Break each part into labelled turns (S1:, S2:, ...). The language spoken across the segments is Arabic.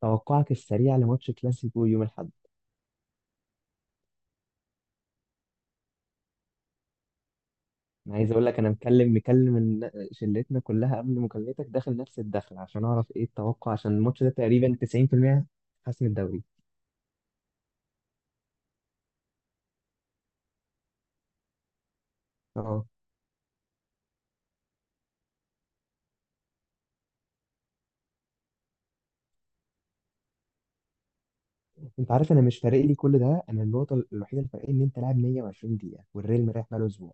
S1: توقعك السريع لماتش كلاسيكو يوم الاحد. انا عايز اقول لك انا مكلم شلتنا كلها قبل مكالمتك داخل نفس الدخل عشان اعرف ايه التوقع، عشان الماتش ده تقريبا 90% حسم الدوري. اه انت عارف انا مش فارق لي كل ده، انا النقطه الوحيده اللي فارقاني ان انت لاعب 120 دقيقه والريال مريح بقاله اسبوع.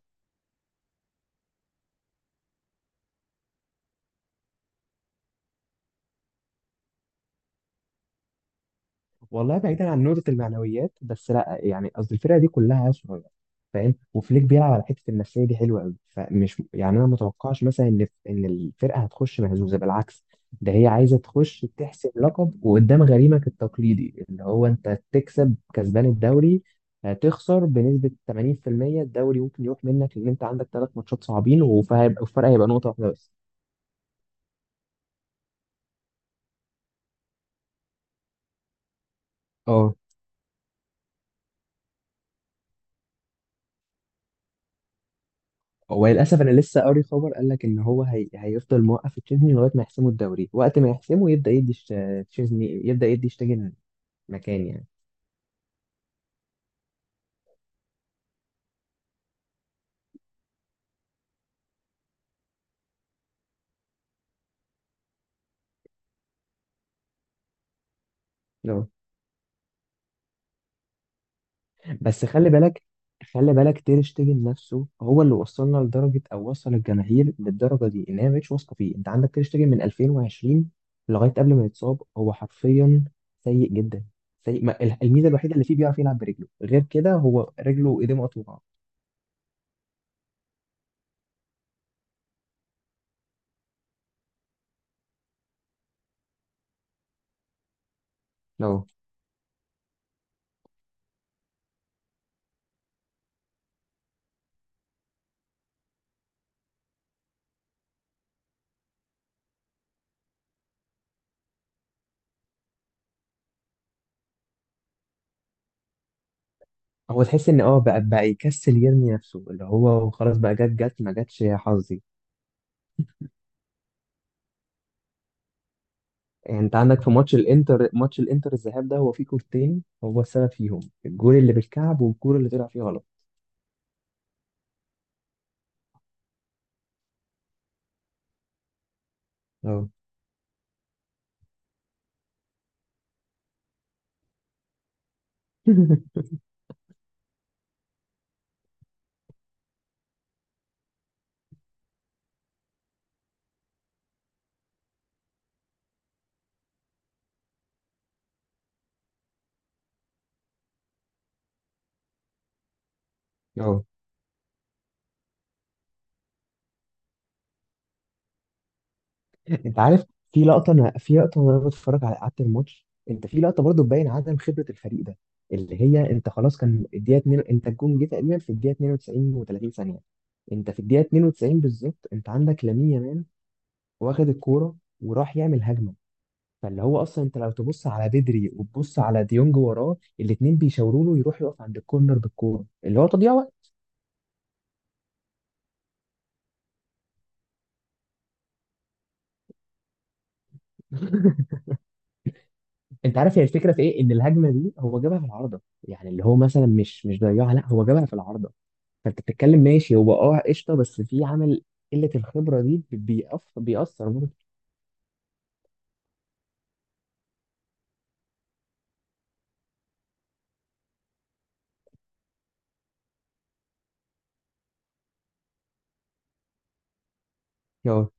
S1: والله بعيدا عن نقطة المعنويات، بس لا يعني قصدي الفرقة دي كلها صغيرة فاهم، وفليك بيلعب على حتة النفسية دي حلوة قوي، فمش يعني أنا متوقعش مثلا إن الفرقة هتخش مهزوزة، بالعكس ده هي عايزة تخش تحسب لقب، وقدام غريمك التقليدي اللي هو أنت تكسب كسبان الدوري. هتخسر بنسبة 80%، الدوري ممكن يروح منك لأن أنت عندك 3 ماتشات صعبين وهيبقى الفرق هيبقى نقطة واحدة بس. اه هو للاسف انا لسه قاري خبر، قال لك ان هو هيفضل موقف تشيزني لغايه ما يحسموا الدوري، وقت ما يحسموا يبدا تشيزني يبدا يدي شتيجن مكان يعني. لو. بس خلي بالك، تير شتيجن نفسه هو اللي وصلنا لدرجه، او وصل الجماهير للدرجه دي ان هي مش واثقه فيه. انت عندك تير شتيجن من 2020 لغايه قبل ما يتصاب، هو حرفيا سيء جدا، سيء ما... الميزه الوحيده اللي فيه بيعرف يلعب برجله، غير كده هو رجله وايديه مقطوعه. No. هو تحس ان بقى يكسل، يرمي نفسه اللي هو خلاص بقى، جت جت ما جتش يا حظي. يعني انت عندك في ماتش الانتر، ماتش الانتر الذهاب ده هو فيه كورتين هو السبب فيهم، الجول اللي بالكعب والجول اللي طلع فيه غلط. اه اه انت عارف، في لقطه، في لقطه وانا بتفرج على قعدة الماتش، انت في لقطه برضو تبين عدم خبره الفريق ده، اللي هي انت خلاص كان الدقيقه 2، انت الجون جه تقريبا في الدقيقه 92 و30 ثانيه. انت في الدقيقه 92 بالظبط، انت عندك لامين يامال واخد الكوره وراح يعمل هجمه، فاللي هو اصلا انت لو تبص على بدري وتبص على ديونج وراه الاتنين بيشاوروا له يروح يقف عند الكورنر بالكوره اللي هو تضييع وقت. انت عارف هي الفكره في ايه، ان الهجمه دي هو جابها في العارضه يعني اللي هو مثلا مش ضيعها، لا هو جابها في العارضه. فانت بتتكلم ماشي هو قشطه، بس في عامل قله الخبره دي بيقف بيأثر برضه. اه.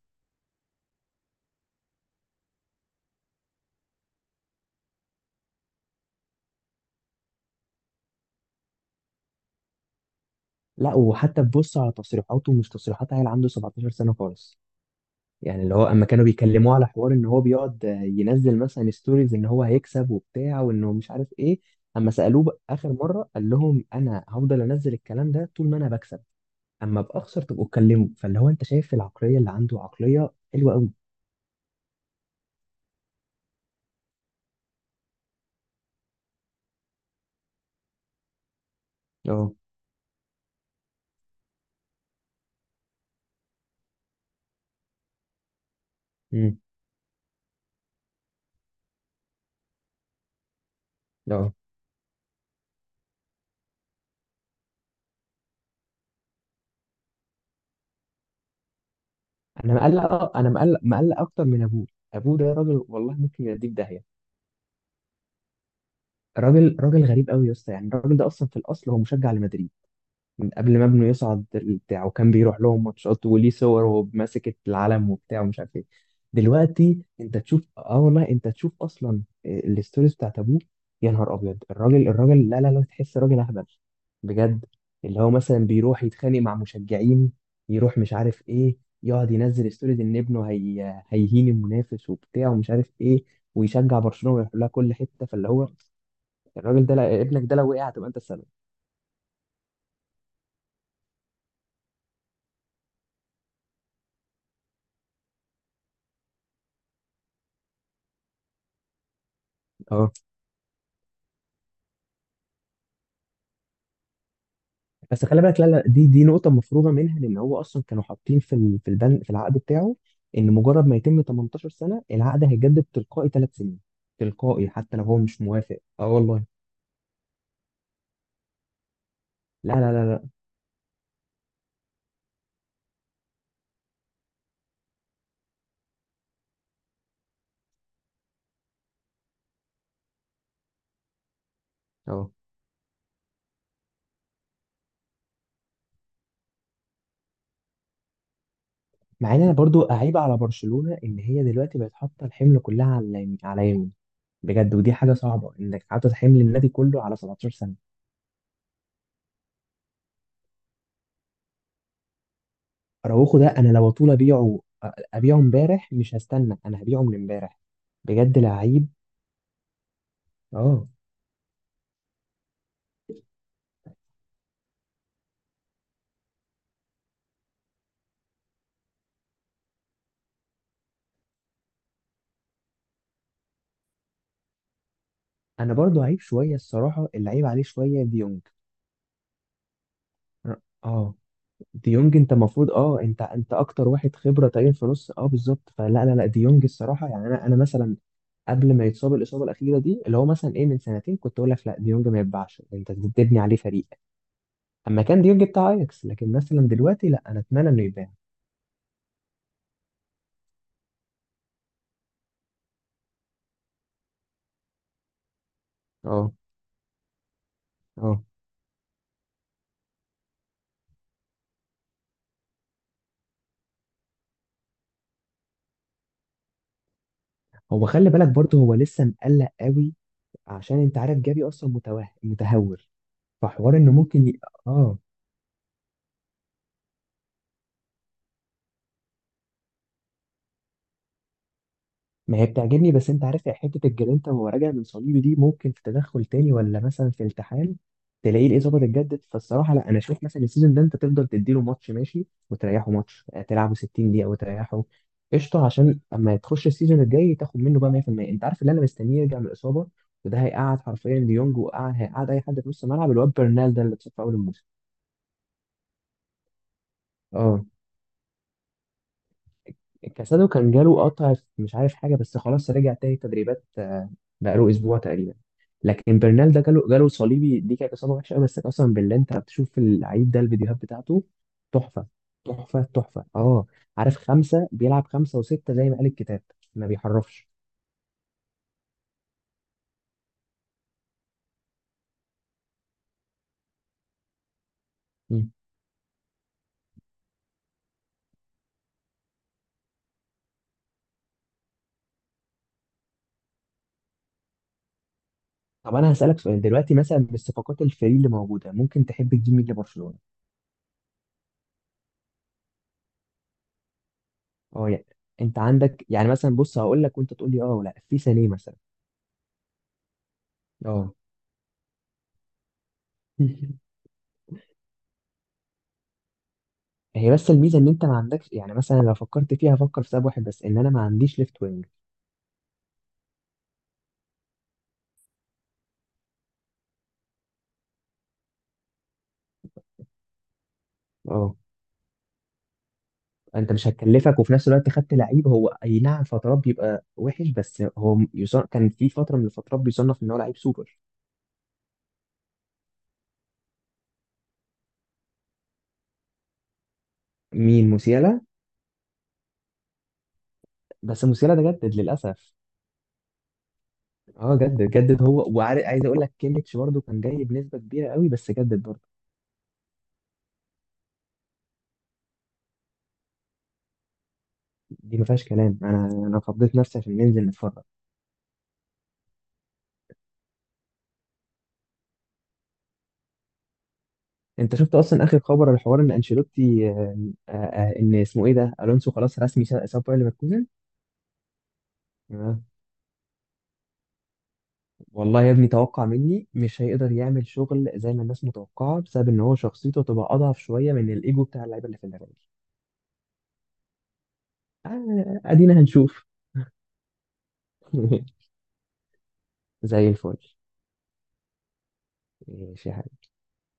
S1: لا، وحتى تبص على تصريحاته مش تصريحات عيل عنده 17 سنه خالص. يعني اللي هو اما كانوا بيكلموه على حوار ان هو بيقعد ينزل مثلا ستوريز ان هو هيكسب وبتاع، وانه مش عارف ايه. اما سالوه بقى اخر مره، قال لهم انا هفضل انزل الكلام ده طول ما انا بكسب، اما باخسر تبقوا اتكلموا. فاللي هو انت شايف العقليه اللي عنده عقليه حلوه قوي. اه امم اه انا مقلق، مقلق اكتر من ابوه. ابوه ده راجل، والله ممكن يوديه في داهيه. راجل غريب قوي يا اسطى، يعني الراجل ده اصلا في الاصل هو مشجع لمدريد من قبل ما ابنه يصعد بتاع وكان بيروح لهم ماتشات وليه صور وهو ماسك العلم وبتاع ومش عارف ايه. دلوقتي انت تشوف والله انت تشوف اصلا الستوريز بتاعت ابوه، يا نهار ابيض. الراجل لا، تحس راجل اهبل بجد. اللي هو مثلا بيروح يتخانق مع مشجعين، يروح مش عارف ايه، يقعد ينزل ستوريز ان ابنه هيهين المنافس وبتاع ومش عارف ايه، ويشجع برشلونة ويروح لها كل حتة. فاللي هو الراجل ده ابنك ده لو وقع هتبقى انت السبب. بس خلي بالك، لا، دي نقطة مفروغة منها، لأن هو أصلا كانوا حاطين في البند في العقد بتاعه إن مجرد ما يتم 18 سنة العقد هيجدد تلقائي 3 سنين. تلقائي حتى لو هو مش موافق، أه والله. لا لا لا لا أه، مع إن أنا برضو أعيب على برشلونة إن هي دلوقتي بقت حاطة الحمل كلها على اليمين، على يمين بجد. ودي حاجة صعبة إنك حاطط حمل النادي كله على 17 سنة. أراوخو ده أنا لو طول أبيعه، إمبارح مش هستنى، أنا هبيعه من إمبارح بجد، لعيب. أه، انا برضو عيب شويه الصراحه، اللي عيب عليه شويه ديونج. اه ديونج انت المفروض انت اكتر واحد خبره تقريبا في نص، بالظبط. فلا، لا لا ديونج الصراحه، يعني انا مثلا قبل ما يتصاب الاصابه الاخيره دي، اللي هو مثلا ايه من سنتين، كنت اقول لك لا ديونج ما يتباعش، انت بتبني عليه فريق اما كان ديونج بتاع اياكس. لكن مثلا دلوقتي لا، انا اتمنى انه يتباع. اه اه هو خلي بالك برضه هو لسه مقلق قوي، عشان انت عارف جافي اصلا متوه متهور. فحوار انه ممكن ي... اه ما هي بتعجبني، بس انت عارف يا حته الجرينتا وهو راجع من صليبي دي، ممكن في تدخل تاني ولا مثلا في التحام تلاقيه الاصابه اتجدد. فالصراحه لا، انا اشوف مثلا السيزون ده انت تفضل تديله ماتش ماشي وتريحه ماتش، تلعبه 60 دقيقه وتريحه قشطه، عشان اما تخش السيزون الجاي تاخد منه بقى 100%. انت عارف اللي انا مستنيه يرجع من الاصابه، وده هيقعد حرفيا ديونج وقعد هيقعد اي حد في نص الملعب، الواد برنال ده اللي اتصاب في اول الموسم. اه كاسادو كان جاله قطع في مش عارف حاجة، بس خلاص رجع تاني تدريبات، بقاله أسبوع تقريبا. لكن برنال ده جاله صليبي دي كانت إصابة وحشة أوي، بس قسما بالله أنت بتشوف اللعيب ده الفيديوهات بتاعته تحفة. أه، عارف خمسة بيلعب خمسة وستة زي ما قال الكتاب، ما بيحرفش. مم. طب أنا هسألك سؤال دلوقتي، مثلا بالصفقات الفري اللي موجودة ممكن تحب تجيب مين لبرشلونة؟ أه يعني، أنت عندك يعني مثلا، بص هقول لك وأنت تقول لي أه ولا لأ. في سانيه مثلا؟ أه. هي بس الميزه ان انت ما عندكش، يعني مثلا لو فكرت فيها فكر في سبب واحد بس، ان انا ما عنديش ليفت وينج. اه انت مش هتكلفك، وفي نفس الوقت خدت لعيب هو اي نعم فترات بيبقى وحش، بس هو يصنف كان في فتره من الفترات بيصنف ان هو لعيب سوبر. مين، موسيالا؟ بس موسيالا ده جدد للاسف. اه جدد هو، وعارف عايز اقول لك كيميتش برضه كان جاي بنسبه كبيره قوي، بس جدد برضه. دي ما فيهاش كلام، انا فضيت نفسي عشان ننزل نتفرج. انت شفت اصلا اخر خبر على حوار ان انشيلوتي، ان اسمه ايه ده الونسو خلاص رسمي ساب، باير ليفركوزن. آه. والله يا ابني توقع مني مش هيقدر يعمل شغل زي ما الناس متوقعه، بسبب ان هو شخصيته تبقى اضعف شويه من الايجو بتاع اللعيبه اللي في النادي. ادينا هنشوف. زي الفل. ماشي يا